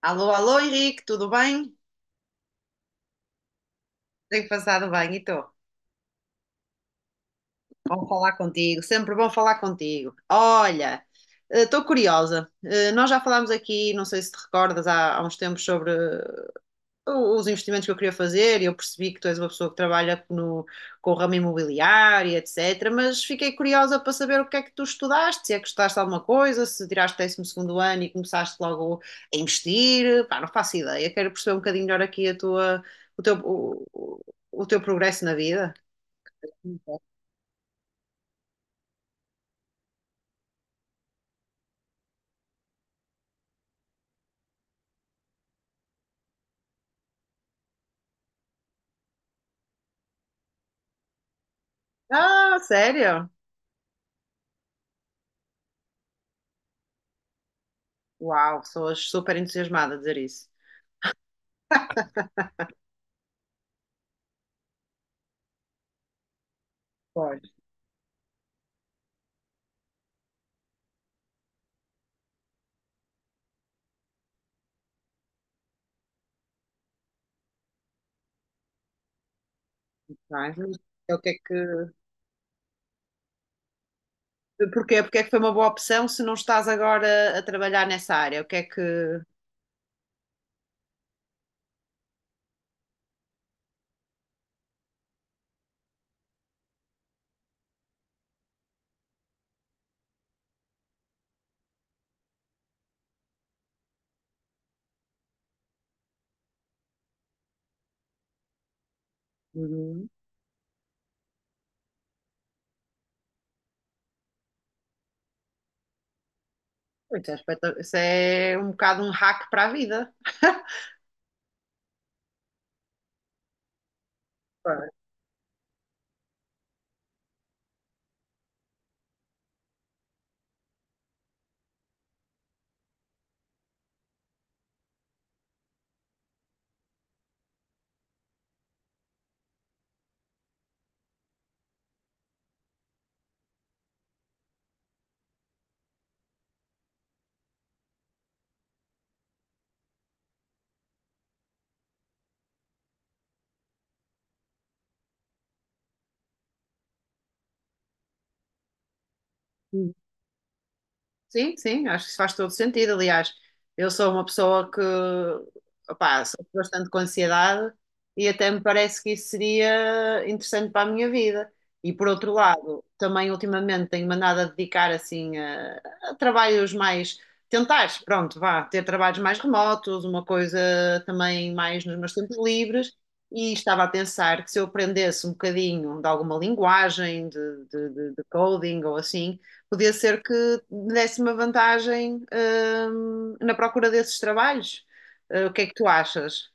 Alô, alô, Henrique, tudo bem? Tenho passado bem, e estou. Bom falar contigo, sempre bom falar contigo. Olha, estou curiosa. Nós já falámos aqui, não sei se te recordas, há uns tempos sobre os investimentos que eu queria fazer e eu percebi que tu és uma pessoa que trabalha no, com o ramo imobiliário, e etc. Mas fiquei curiosa para saber o que é que tu estudaste, se é que estudaste alguma coisa, se tiraste 12 segundo ano e começaste logo a investir. Pá, não faço ideia. Quero perceber um bocadinho melhor aqui a tua, o teu, o, o- o teu progresso na vida. Ah, sério? Uau, sou super entusiasmada a dizer isso. Pois, não é? É o que é que. Porquê? Porque é que foi uma boa opção se não estás agora a trabalhar nessa área? O que é que. Uhum. Isso é, isso é um bocado um hack para a vida. Claro. Sim, sim, acho que isso faz todo sentido. Aliás, eu sou uma pessoa que, opá, sofro bastante com ansiedade e até me parece que isso seria interessante para a minha vida. E por outro lado, também ultimamente tenho-me andado a dedicar assim a trabalhos mais, tentar, pronto, vá, ter trabalhos mais remotos, uma coisa também mais nos meus tempos livres. E estava a pensar que se eu aprendesse um bocadinho de alguma linguagem, de coding ou assim. Podia ser que desse uma vantagem, na procura desses trabalhos. O que é que tu achas?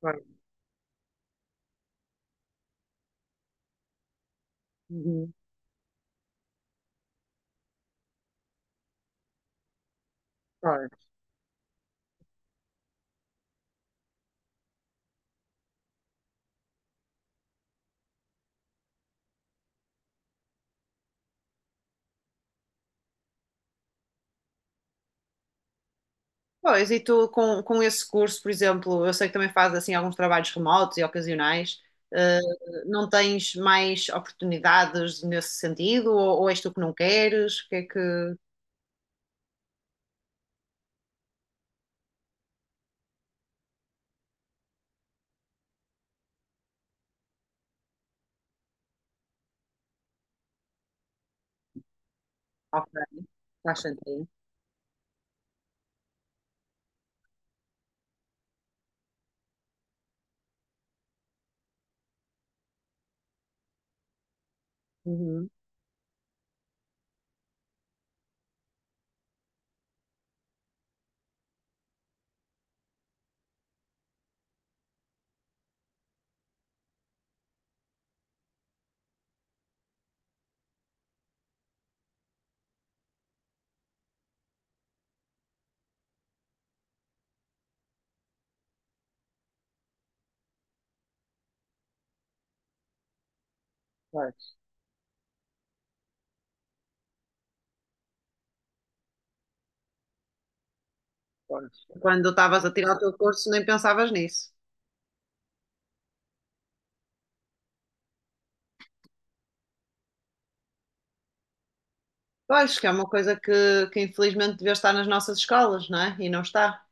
Pois, uhum, pois. Pois, e tu com esse curso, por exemplo, eu sei que também fazes assim alguns trabalhos remotos e ocasionais, eh, não tens mais oportunidades nesse sentido? Ou és tu que não queres? O que é que. Ok, faz sentido. Uhum, pois, pois. Quando estavas a tirar o teu curso, nem pensavas nisso. Eu acho que é uma coisa que infelizmente devia estar nas nossas escolas, não é? E não está.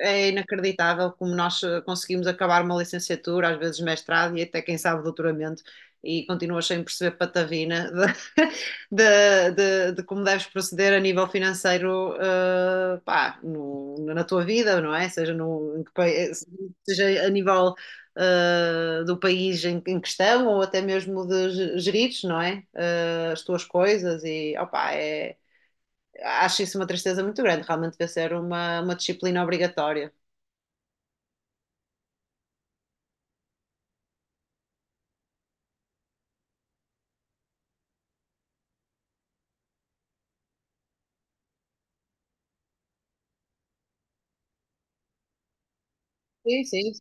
É inacreditável como nós conseguimos acabar uma licenciatura, às vezes mestrado e até quem sabe doutoramento, e continuas sem perceber patavina de, de como deves proceder a nível financeiro, pá, na tua vida, não é? Seja, no, em que seja a nível do país em, em questão ou até mesmo de gerires, não é? As tuas coisas e opá, é, acho isso uma tristeza muito grande. Realmente deve ser uma disciplina obrigatória. Sim, sim.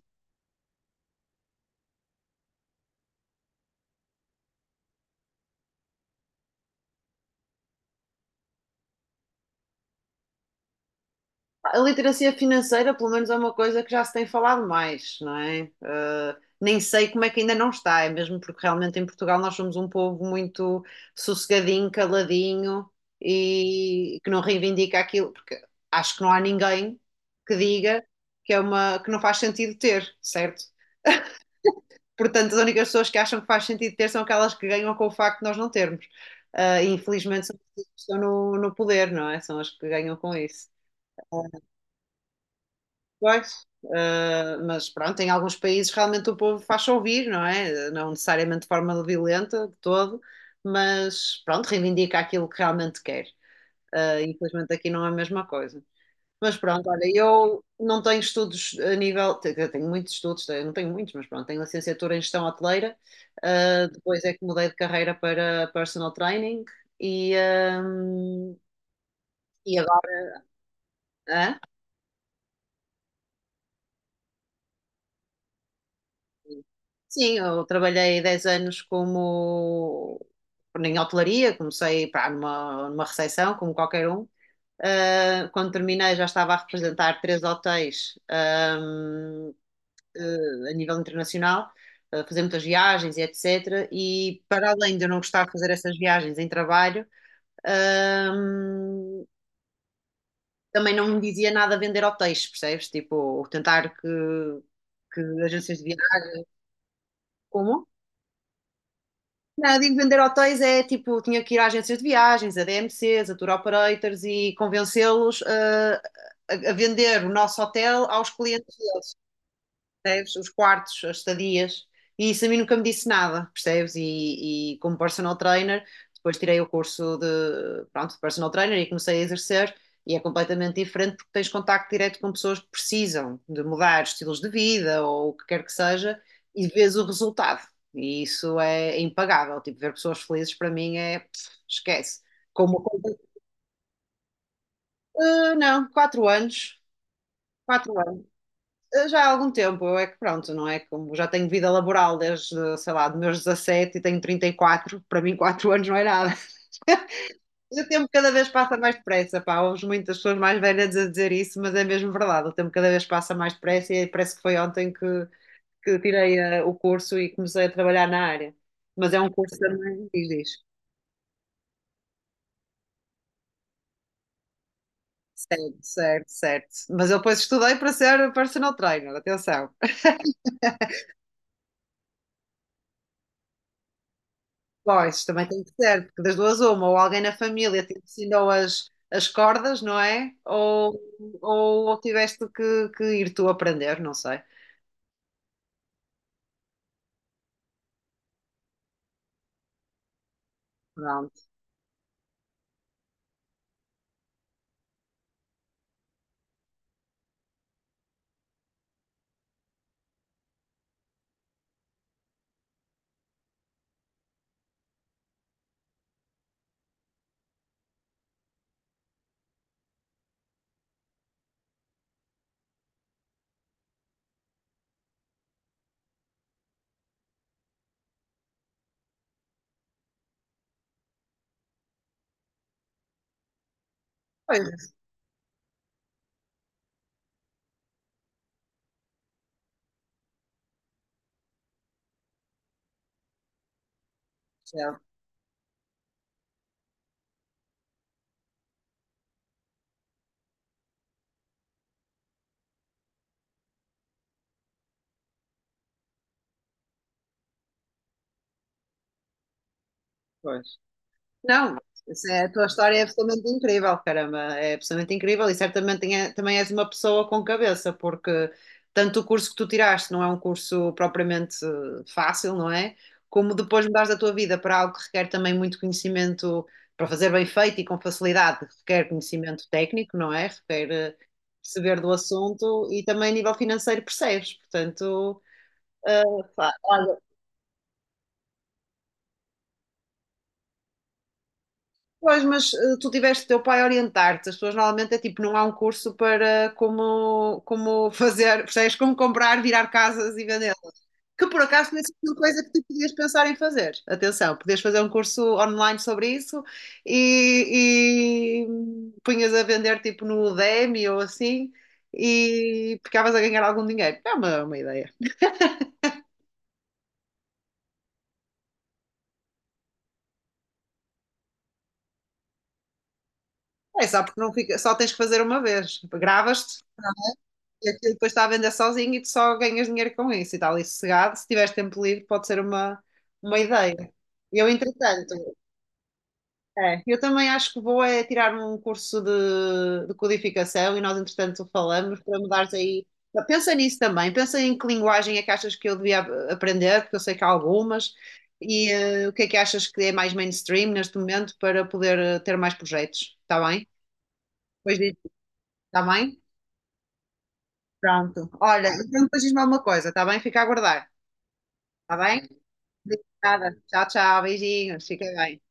A literacia financeira, pelo menos, é uma coisa que já se tem falado mais, não é? Nem sei como é que ainda não está, é mesmo porque realmente em Portugal nós somos um povo muito sossegadinho, caladinho e que não reivindica aquilo, porque acho que não há ninguém que diga que é uma que não faz sentido ter, certo? Portanto, as únicas pessoas que acham que faz sentido ter são aquelas que ganham com o facto de nós não termos. E infelizmente são as pessoas que estão no, no poder, não é? São as que ganham com isso. Pois, mas pronto, em alguns países realmente o povo faz-se ouvir, não é? Não necessariamente de forma violenta de todo, mas pronto, reivindica aquilo que realmente quer. Infelizmente aqui não é a mesma coisa. Mas pronto, olha, eu não tenho estudos a eu tenho muitos estudos, eu não tenho muitos, mas pronto, tenho licenciatura em gestão hoteleira, depois é que mudei de carreira para personal training e, ehm, e agora. Hã? Sim, eu trabalhei 10 anos como em hotelaria, comecei pá, numa, numa recepção, como qualquer um. Ah, quando terminei já estava a representar 3 hotéis, a nível internacional, a fazer muitas viagens e etc. E para além de eu não gostar de fazer essas viagens em trabalho, ahm, também não me dizia nada vender hotéis, percebes? Tipo, tentar que agências de viagem. Como? Não, digo vender hotéis é tipo, tinha que ir a agências de viagens, a DMCs, a tour operators e convencê-los a vender o nosso hotel aos clientes, percebes? Os quartos, as estadias, e isso a mim nunca me disse nada, percebes? E como personal trainer, depois tirei o curso de, pronto, de personal trainer e comecei a exercer, e é completamente diferente porque tens contacto direto com pessoas que precisam de mudar estilos de vida ou o que quer que seja, e vês o resultado. E isso é impagável. Tipo, ver pessoas felizes para mim é, pff, esquece. Como uma conta, ah, não, 4 anos, quatro. Já há algum tempo, eu é que pronto, não é? Como já tenho vida laboral desde, sei lá, dos meus 17 e tenho 34, para mim 4 anos não é nada. O tempo cada vez passa mais depressa, pá, ouves muitas pessoas mais velhas a dizer isso, mas é mesmo verdade, o tempo cada vez passa mais depressa e parece que foi ontem que tirei o curso e comecei a trabalhar na área. Mas é um curso também, diz, diz. Certo, certo. Mas eu depois estudei para ser personal trainer, atenção. Pois, também tem que ser, porque das duas uma, ou alguém na família te ensinou as, as cordas, não é? Ou tiveste que ir tu aprender, não sei. Pronto. Pois, Rachel, pois. Não, isso é- a tua história é absolutamente incrível, caramba, é absolutamente incrível e certamente também és uma pessoa com cabeça, porque tanto o curso que tu tiraste não é um curso propriamente fácil, não é? Como depois mudares a tua vida para algo que requer também muito conhecimento para fazer bem feito e com facilidade, requer conhecimento técnico, não é? Requer perceber do assunto e também a nível financeiro percebes, portanto, eh, pá, olha, pois, mas tu tiveste o teu pai a orientar-te. As pessoas normalmente é tipo, não há um curso para como, como fazer, percebes? Como comprar, virar casas e vendê-las. Que por acaso não é uma coisa que tu podias pensar em fazer. Atenção, podias fazer um curso online sobre isso e punhas a vender tipo no Udemy ou assim e ficavas a ganhar algum dinheiro. É uma ideia. É só porque não fica, só tens que fazer uma vez. Gravas-te. E aquilo depois está a vender sozinho e tu só ganhas dinheiro com isso e está ali sossegado. Se tiveres tempo livre, pode ser uma ideia. Eu, entretanto, é, eu também acho que vou é tirar um curso de codificação e nós, entretanto, falamos para mudares aí. Pensa nisso também, pensa em que linguagem é que achas que eu devia aprender, porque eu sei que há algumas, e o que é que achas que é mais mainstream neste momento para poder ter mais projetos, está bem? Depois disso, está bem? Pronto. Olha, então depois diz-me alguma coisa, está bem? Fica a aguardar. Tá bem? Obrigada. Tchau, tchau. Beijinhos. Fica bem.